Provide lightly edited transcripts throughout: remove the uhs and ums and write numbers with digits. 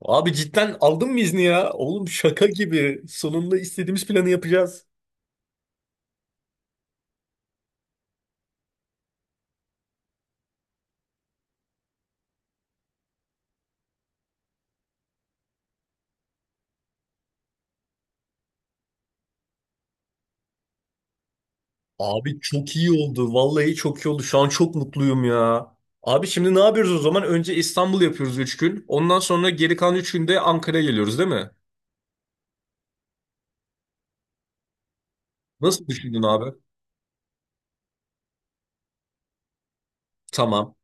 Abi cidden aldın mı izni ya? Oğlum şaka gibi. Sonunda istediğimiz planı yapacağız. Abi çok iyi oldu. Vallahi çok iyi oldu. Şu an çok mutluyum ya. Abi şimdi ne yapıyoruz o zaman? Önce İstanbul yapıyoruz 3 gün. Ondan sonra geri kalan 3 günde Ankara'ya geliyoruz değil mi? Nasıl düşündün abi? Tamam.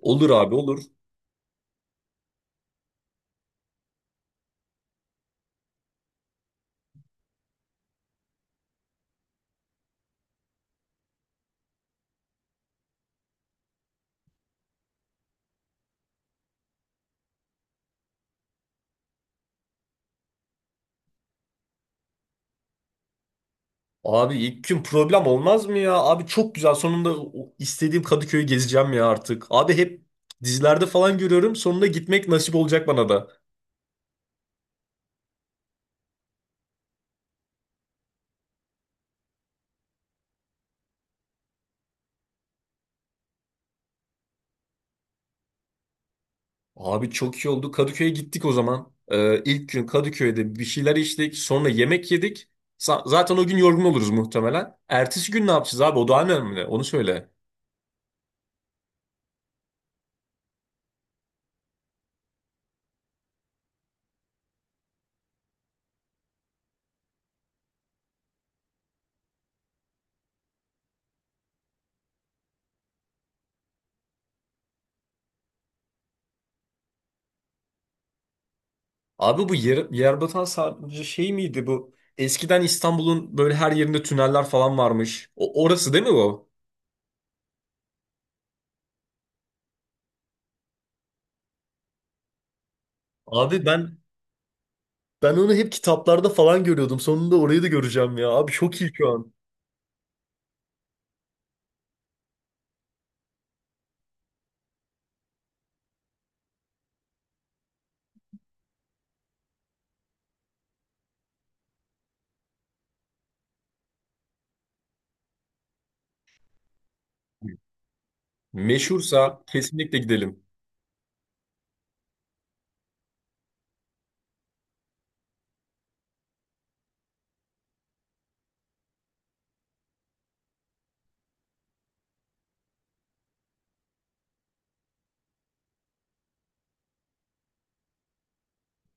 Olur abi olur. Abi ilk gün problem olmaz mı ya? Abi çok güzel. Sonunda o istediğim Kadıköy'ü gezeceğim ya artık. Abi hep dizilerde falan görüyorum. Sonunda gitmek nasip olacak bana da. Abi çok iyi oldu. Kadıköy'e gittik o zaman. İlk gün Kadıköy'de bir şeyler içtik. Sonra yemek yedik. Zaten o gün yorgun oluruz muhtemelen. Ertesi gün ne yapacağız abi? O daha önemli. Onu söyle. Abi bu yer, Yerbatan sadece şey miydi bu? Eskiden İstanbul'un böyle her yerinde tüneller falan varmış. O orası değil mi bu? Abi ben ben onu hep kitaplarda falan görüyordum. Sonunda orayı da göreceğim ya. Abi çok iyi şu an. Meşhursa kesinlikle gidelim.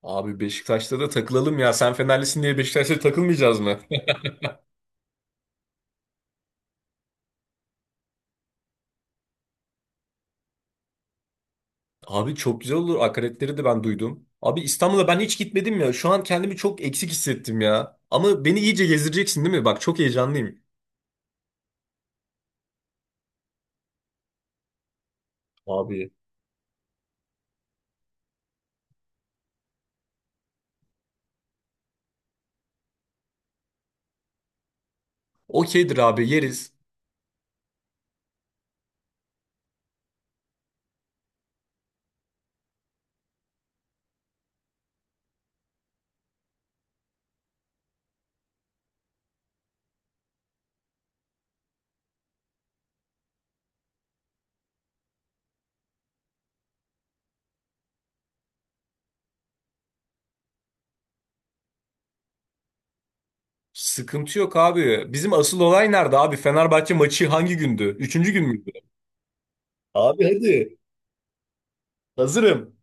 Abi Beşiktaş'ta da takılalım ya. Sen Fenerlisin diye Beşiktaş'ta takılmayacağız mı? Abi çok güzel olur. Akaretleri de ben duydum. Abi İstanbul'a ben hiç gitmedim ya. Şu an kendimi çok eksik hissettim ya. Ama beni iyice gezdireceksin değil mi? Bak çok heyecanlıyım. Abi. Okeydir abi yeriz. Sıkıntı yok abi. Bizim asıl olay nerede abi? Fenerbahçe maçı hangi gündü? Üçüncü gün müydü? Abi hadi. Hazırım.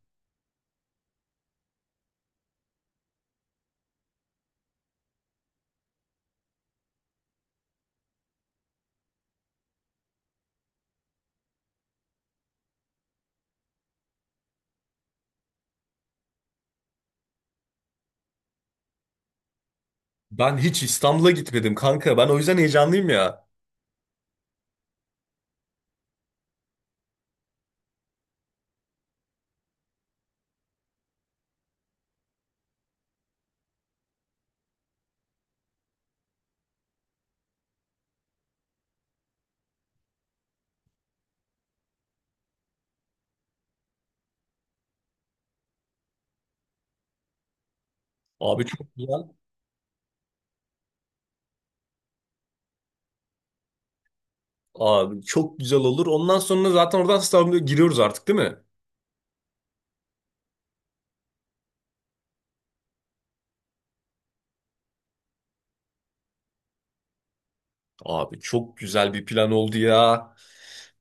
Ben hiç İstanbul'a gitmedim kanka. Ben o yüzden heyecanlıyım ya. Abi çok güzel. Abi çok güzel olur. Ondan sonra zaten oradan İstanbul'a giriyoruz artık değil mi? Abi çok güzel bir plan oldu ya.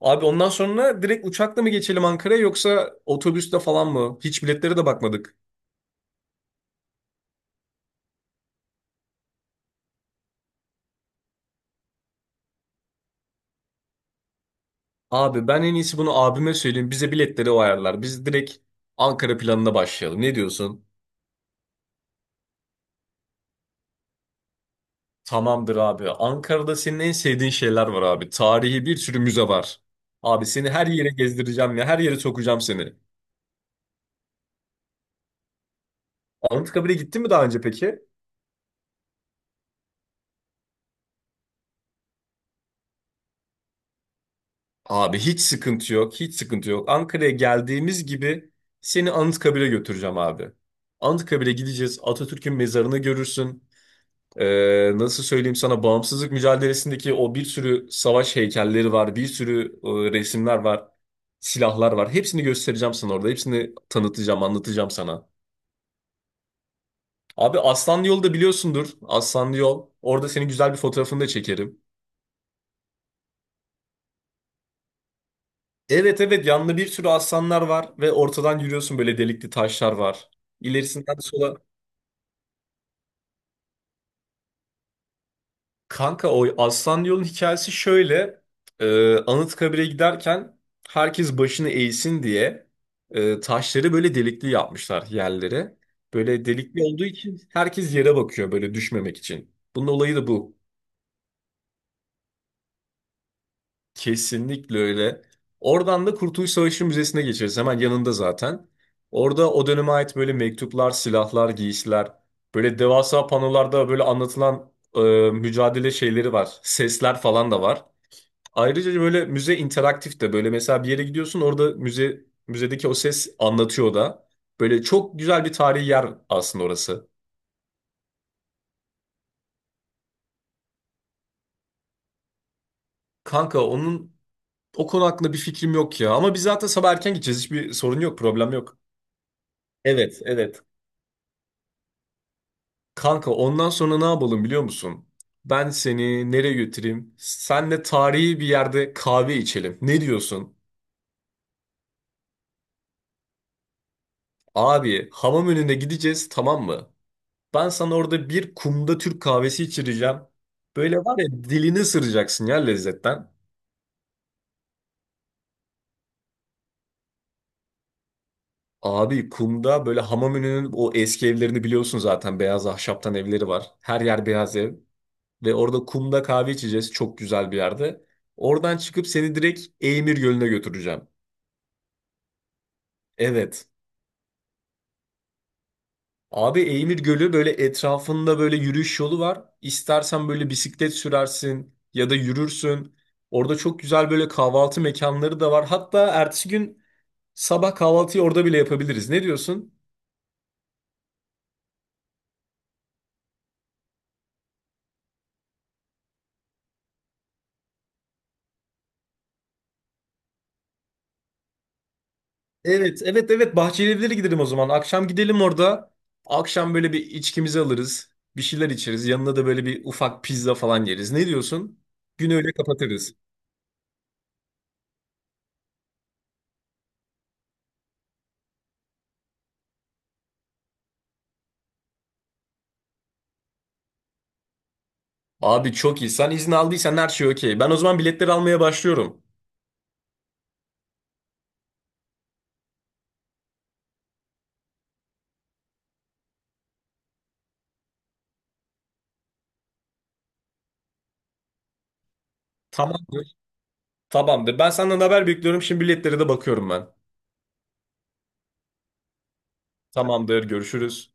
Abi ondan sonra direkt uçakla mı geçelim Ankara'ya yoksa otobüste falan mı? Hiç biletlere de bakmadık. Abi ben en iyisi bunu abime söyleyeyim. Bize biletleri o ayarlar. Biz direkt Ankara planına başlayalım. Ne diyorsun? Tamamdır abi. Ankara'da senin en sevdiğin şeyler var abi. Tarihi bir sürü müze var. Abi seni her yere gezdireceğim ya. Her yere sokacağım seni. Anıtkabir'e gittin mi daha önce peki? Abi hiç sıkıntı yok, hiç sıkıntı yok. Ankara'ya geldiğimiz gibi seni Anıtkabir'e götüreceğim abi. Anıtkabir'e gideceğiz, Atatürk'ün mezarını görürsün. Nasıl söyleyeyim sana, bağımsızlık mücadelesindeki o bir sürü savaş heykelleri var, bir sürü resimler var, silahlar var. Hepsini göstereceğim sana orada, hepsini tanıtacağım, anlatacağım sana. Abi Aslanlı Yol'u da biliyorsundur, Aslanlı Yol. Orada senin güzel bir fotoğrafını da çekerim. Evet, evet, yanında bir sürü aslanlar var ve ortadan yürüyorsun, böyle delikli taşlar var. İlerisinden sola. Kanka o aslan yolun hikayesi şöyle. Anıtkabir'e giderken herkes başını eğsin diye taşları böyle delikli yapmışlar yerlere. Böyle delikli olduğu için herkes yere bakıyor böyle düşmemek için. Bunun olayı da bu. Kesinlikle öyle. Oradan da Kurtuluş Savaşı Müzesi'ne geçeriz. Hemen yanında zaten. Orada o döneme ait böyle mektuplar, silahlar, giysiler, böyle devasa panolarda böyle anlatılan e, mücadele şeyleri var. Sesler falan da var. Ayrıca böyle müze interaktif de, böyle mesela bir yere gidiyorsun orada müzedeki o ses anlatıyor da. Böyle çok güzel bir tarihi yer aslında orası. Kanka onun o konu hakkında bir fikrim yok ya. Ama biz zaten sabah erken gideceğiz. Hiçbir sorun yok, problem yok. Evet, evet. Kanka ondan sonra ne yapalım biliyor musun? Ben seni nereye götüreyim? Senle tarihi bir yerde kahve içelim. Ne diyorsun? Abi hamam önüne gideceğiz, tamam mı? Ben sana orada bir kumda Türk kahvesi içireceğim. Böyle var ya, dilini ısıracaksın ya lezzetten. Abi kumda, böyle hamam önünün o eski evlerini biliyorsun zaten. Beyaz ahşaptan evleri var. Her yer beyaz ev. Ve orada kumda kahve içeceğiz çok güzel bir yerde. Oradan çıkıp seni direkt Eymir Gölü'ne götüreceğim. Evet. Abi Eymir Gölü böyle etrafında böyle yürüyüş yolu var. İstersen böyle bisiklet sürersin ya da yürürsün. Orada çok güzel böyle kahvaltı mekanları da var. Hatta ertesi gün sabah kahvaltıyı orada bile yapabiliriz. Ne diyorsun? Evet, evet, evet. Bahçeli Evler'e gidelim o zaman. Akşam gidelim orada. Akşam böyle bir içkimizi alırız. Bir şeyler içeriz. Yanına da böyle bir ufak pizza falan yeriz. Ne diyorsun? Günü öyle kapatırız. Abi çok iyi. Sen izin aldıysan her şey okey. Ben o zaman biletleri almaya başlıyorum. Tamam. Tamamdır. Ben senden haber bekliyorum. Şimdi biletlere de bakıyorum ben. Tamamdır. Görüşürüz.